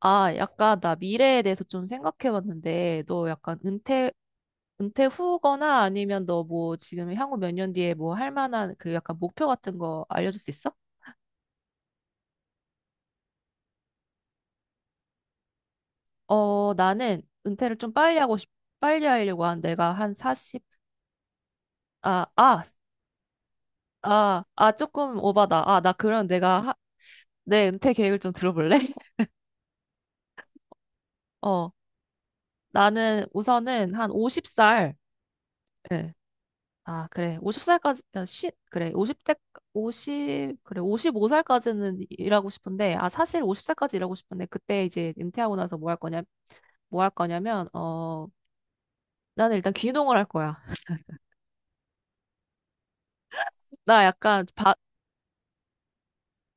아, 약간 나 미래에 대해서 좀 생각해 봤는데, 너 약간 은퇴 후거나 아니면 너 뭐 지금 향후 몇 년 뒤에 뭐 할 만한 그 약간 목표 같은 거 알려줄 수 있어? 어, 나는 은퇴를 좀 빨리 하려고 한 내가 한 40, 아, 아, 아, 조금 오바다. 아, 나 그럼 내 은퇴 계획을 좀 들어볼래? 어, 나는 우선은 한 50살, 아, 그래. 5십살까지 그래. 5십대 오십 그래. 오십오 살까지는 일하고 싶은데, 아, 사실 50살까지 일하고 싶은데, 그때 이제 은퇴하고 나서 뭐 뭐 할 거냐면, 어, 나는 일단 귀농을 할 거야. 나 약간,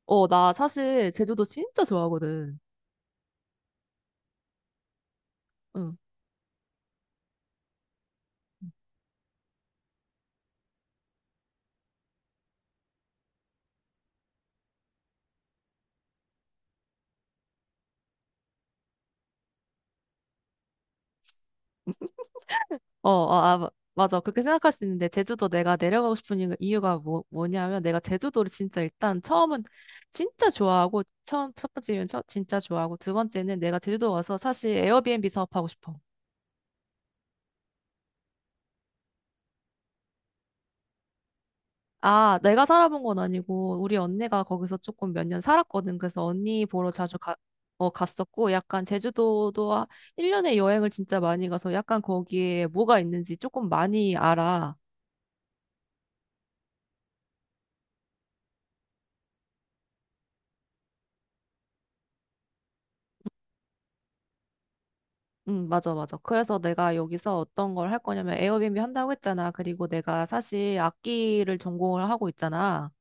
어, 나 사실 제주도 진짜 좋아하거든. 응. 어, 어, 아, 마- 맞아. 그렇게 생각할 수 있는데, 제주도 내가 내려가고 싶은 이유가 뭐냐면, 내가 제주도를 진짜 일단 처음은 진짜 좋아하고, 첫 번째 이유는 진짜 좋아하고, 두 번째는 내가 제주도 와서 사실 에어비앤비 사업하고 싶어. 아, 내가 살아본 건 아니고, 우리 언니가 거기서 조금 몇 년 살았거든. 그래서 언니 보러 자주 가, 어, 갔었고, 약간 제주도도 1년에 여행을 진짜 많이 가서 약간 거기에 뭐가 있는지 조금 많이 알아. 응, 맞아, 맞아. 그래서 내가 여기서 어떤 걸 할 거냐면 에어비앤비 한다고 했잖아. 그리고 내가 사실 악기를 전공을 하고 있잖아.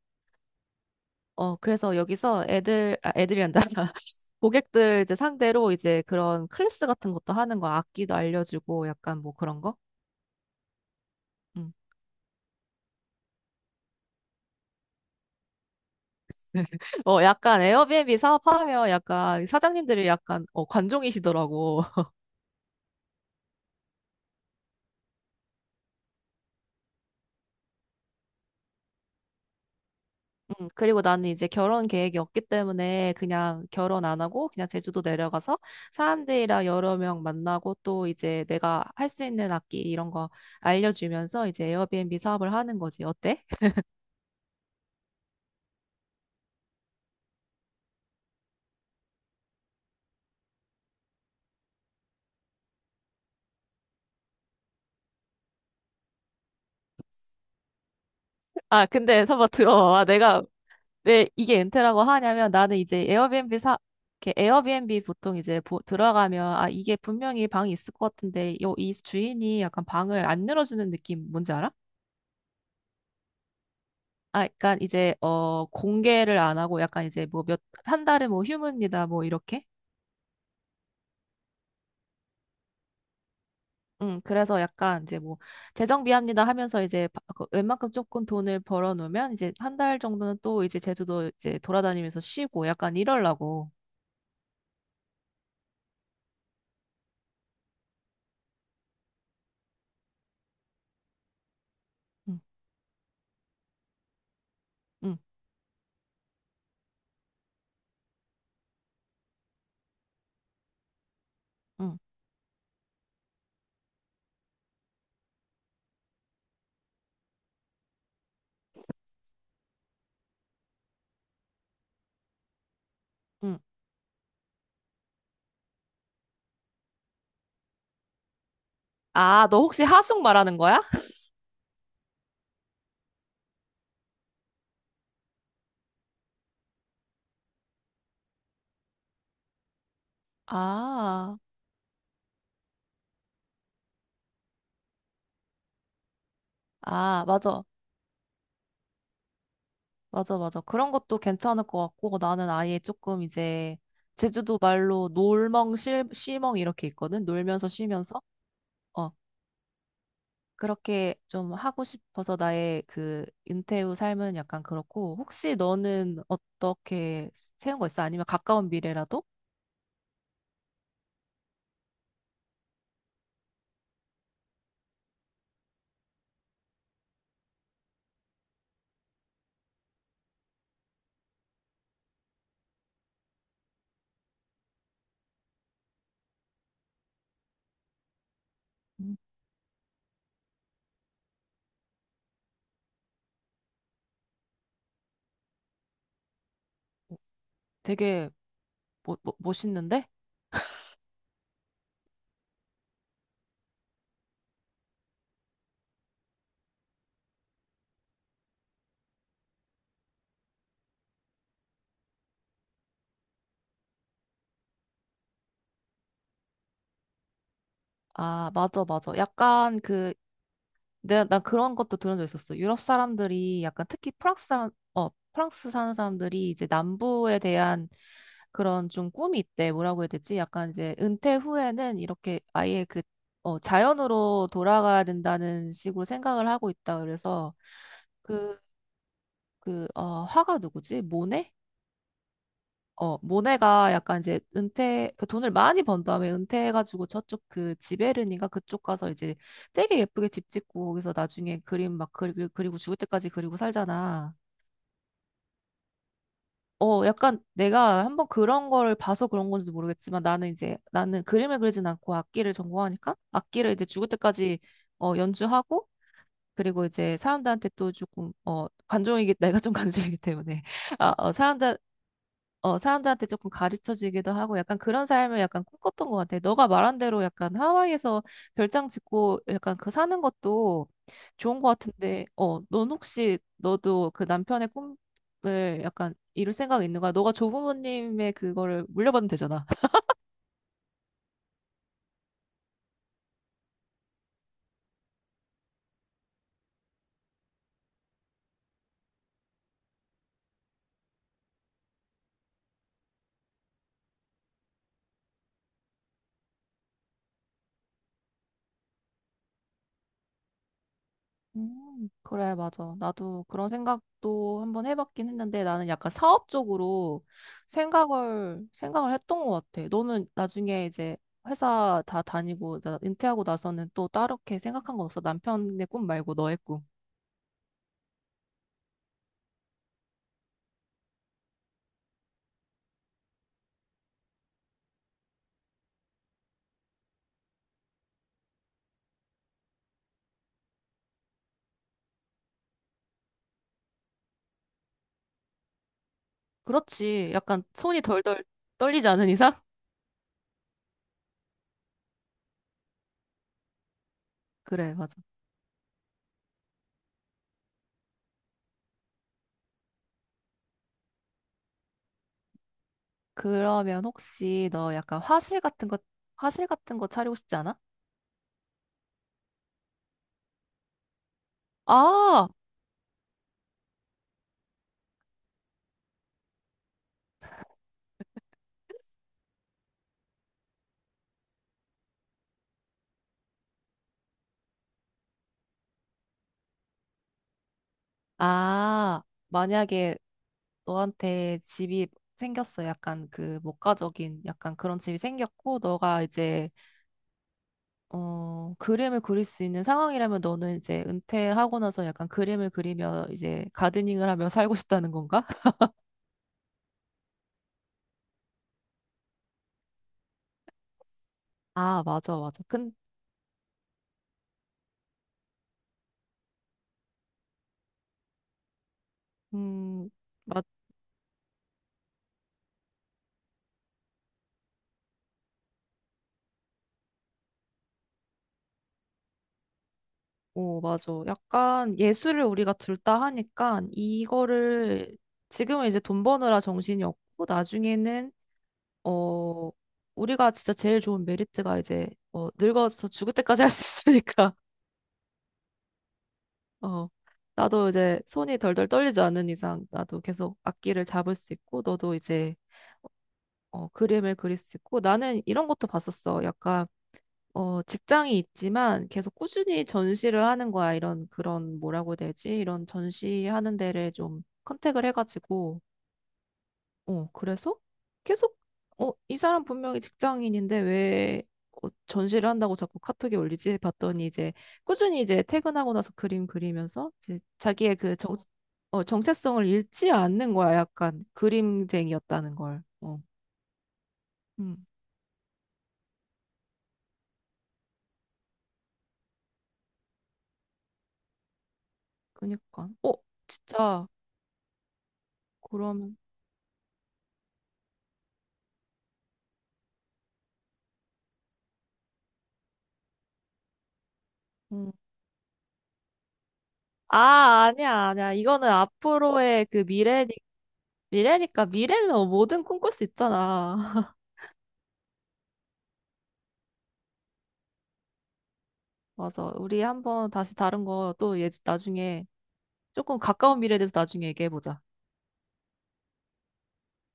어, 그래서 여기서 애들이 한다. 고객들 이제 상대로 이제 그런 클래스 같은 것도 하는 거, 악기도 알려주고 약간 뭐 그런 거? 음. 어, 약간 에어비앤비 사업하면 약간 사장님들이 약간 어, 관종이시더라고. 그리고 나는 이제 결혼 계획이 없기 때문에 그냥 결혼 안 하고 그냥 제주도 내려가서 사람들이랑 여러 명 만나고 또 이제 내가 할 수 있는 악기 이런 거 알려주면서 이제 에어비앤비 사업을 하는 거지. 어때? 아, 근데 한번 들어봐. 내가 왜 이게 엔트라고 하냐면 나는 이제 에어비앤비 사 이렇게 에어비앤비 보통 들어가면 아 이게 분명히 방이 있을 것 같은데 요, 이 주인이 약간 방을 안 열어주는 느낌 뭔지 알아? 아, 약간 이제 어 공개를 안 하고 약간 이제 뭐 몇 한 달에 뭐 휴무입니다 뭐 이렇게. 응. 그래서 약간 이제 뭐 재정비합니다 하면서 이제 그 웬만큼 조금 돈을 벌어 놓으면 이제 한 달 정도는 또 이제 제주도 이제 돌아다니면서 쉬고 약간 이러려고. 응, 응, 응, 응. 아, 너 혹시 하숙 말하는 거야? 아, 아, 맞아. 맞아, 맞아. 그런 것도 괜찮을 것 같고, 나는 아예 조금 이제, 제주도 말로 놀멍, 실멍 이렇게 있거든? 놀면서 쉬면서? 어. 그렇게 좀 하고 싶어서 나의 그 은퇴 후 삶은 약간 그렇고, 혹시 너는 어떻게 세운 거 있어? 아니면 가까운 미래라도? 음. 되게 멋있는데? 아, 맞아, 맞아. 약간 그 내가 나 그런 것도 들은 적 있었어. 유럽 사람들이 약간 특히 프랑스 사는 사람들이 이제 남부에 대한 그런 좀 꿈이 있대. 뭐라고 해야 되지? 약간 이제 은퇴 후에는 이렇게 아예 그 어, 자연으로 돌아가야 된다는 식으로 생각을 하고 있다. 그래서 그, 어, 화가 누구지? 모네? 어, 모네가 약간 이제 은퇴, 그 돈을 많이 번 다음에 은퇴해가지고 저쪽 그 지베르니가 그쪽 가서 이제 되게 예쁘게 집 짓고 거기서 나중에 그림 막 그리고 죽을 때까지 그리고 살잖아. 어, 약간 내가 한번 그런 걸 봐서 그런 건지도 모르겠지만 나는 이제 나는 그림을 그리진 않고 악기를 전공하니까 악기를 이제 죽을 때까지 어, 연주하고 그리고 이제 사람들한테 또 조금 어, 내가 좀 관종이기 때문에 아, 어, 사람들 어, 사람들한테 조금 가르쳐지기도 하고 약간 그런 삶을 약간 꿈꿨던 것 같아. 너가 말한 대로 약간 하와이에서 별장 짓고 약간 그 사는 것도 좋은 것 같은데, 어, 넌 혹시 너도 그 남편의 꿈을 약간 이룰 생각 있는 거야? 너가 조부모님의 그거를 물려받으면 되잖아. 그래, 맞아. 나도 그런 생각도 한번 해봤긴 했는데 나는 약간 사업적으로 생각을 했던 것 같아. 너는 나중에 이제 회사 다 다니고, 은퇴하고 나서는 또 따로 이렇게 생각한 건 없어. 남편의 꿈 말고 너의 꿈. 그렇지. 약간 손이 덜덜 떨리지 않은 이상? 그래, 맞아. 그러면 혹시 너 약간 화실 같은 거 차리고 싶지 않아? 아! 아, 만약에 너한테 집이 생겼어. 약간 그 목가적인 약간 그런 집이 생겼고, 너가 이제 어 그림을 그릴 수 있는 상황이라면 너는 이제 은퇴하고 나서 약간 그림을 그리며 이제 가드닝을 하며 살고 싶다는 건가? 아, 맞아, 맞아. 음, 맞, 오, 맞아. 약간 예술을 우리가 둘 다 하니까 이거를 지금은 이제 돈 버느라 정신이 없고 나중에는 어, 우리가 진짜 제일 좋은 메리트가 이제, 어, 늙어서 죽을 때까지 할 수 있으니까, 어, 나도 이제 손이 덜덜 떨리지 않는 이상, 나도 계속 악기를 잡을 수 있고, 너도 이제, 어, 그림을 그릴 수 있고, 나는 이런 것도 봤었어. 약간, 어, 직장이 있지만 계속 꾸준히 전시를 하는 거야. 뭐라고 해야 되지? 이런 전시하는 데를 좀 컨택을 해가지고, 어, 그래서 계속, 어, 이 사람 분명히 직장인인데 왜 어, 전시를 한다고 자꾸 카톡에 올리지? 봤더니 이제 꾸준히 이제 퇴근하고 나서 그림 그리면서 이제 자기의 어, 정체성을 잃지 않는 거야. 약간 그림쟁이였다는 걸. 어, 음, 그니까. 어, 진짜, 그러면, 음. 아, 아니야, 아니야. 이거는 앞으로의 미래니까 미래는 뭐든 꿈꿀 수 있잖아. 맞아. 우리 한번 다시 다른 거 또 예, 나중에 조금 가까운 미래에 대해서 나중에 얘기해보자.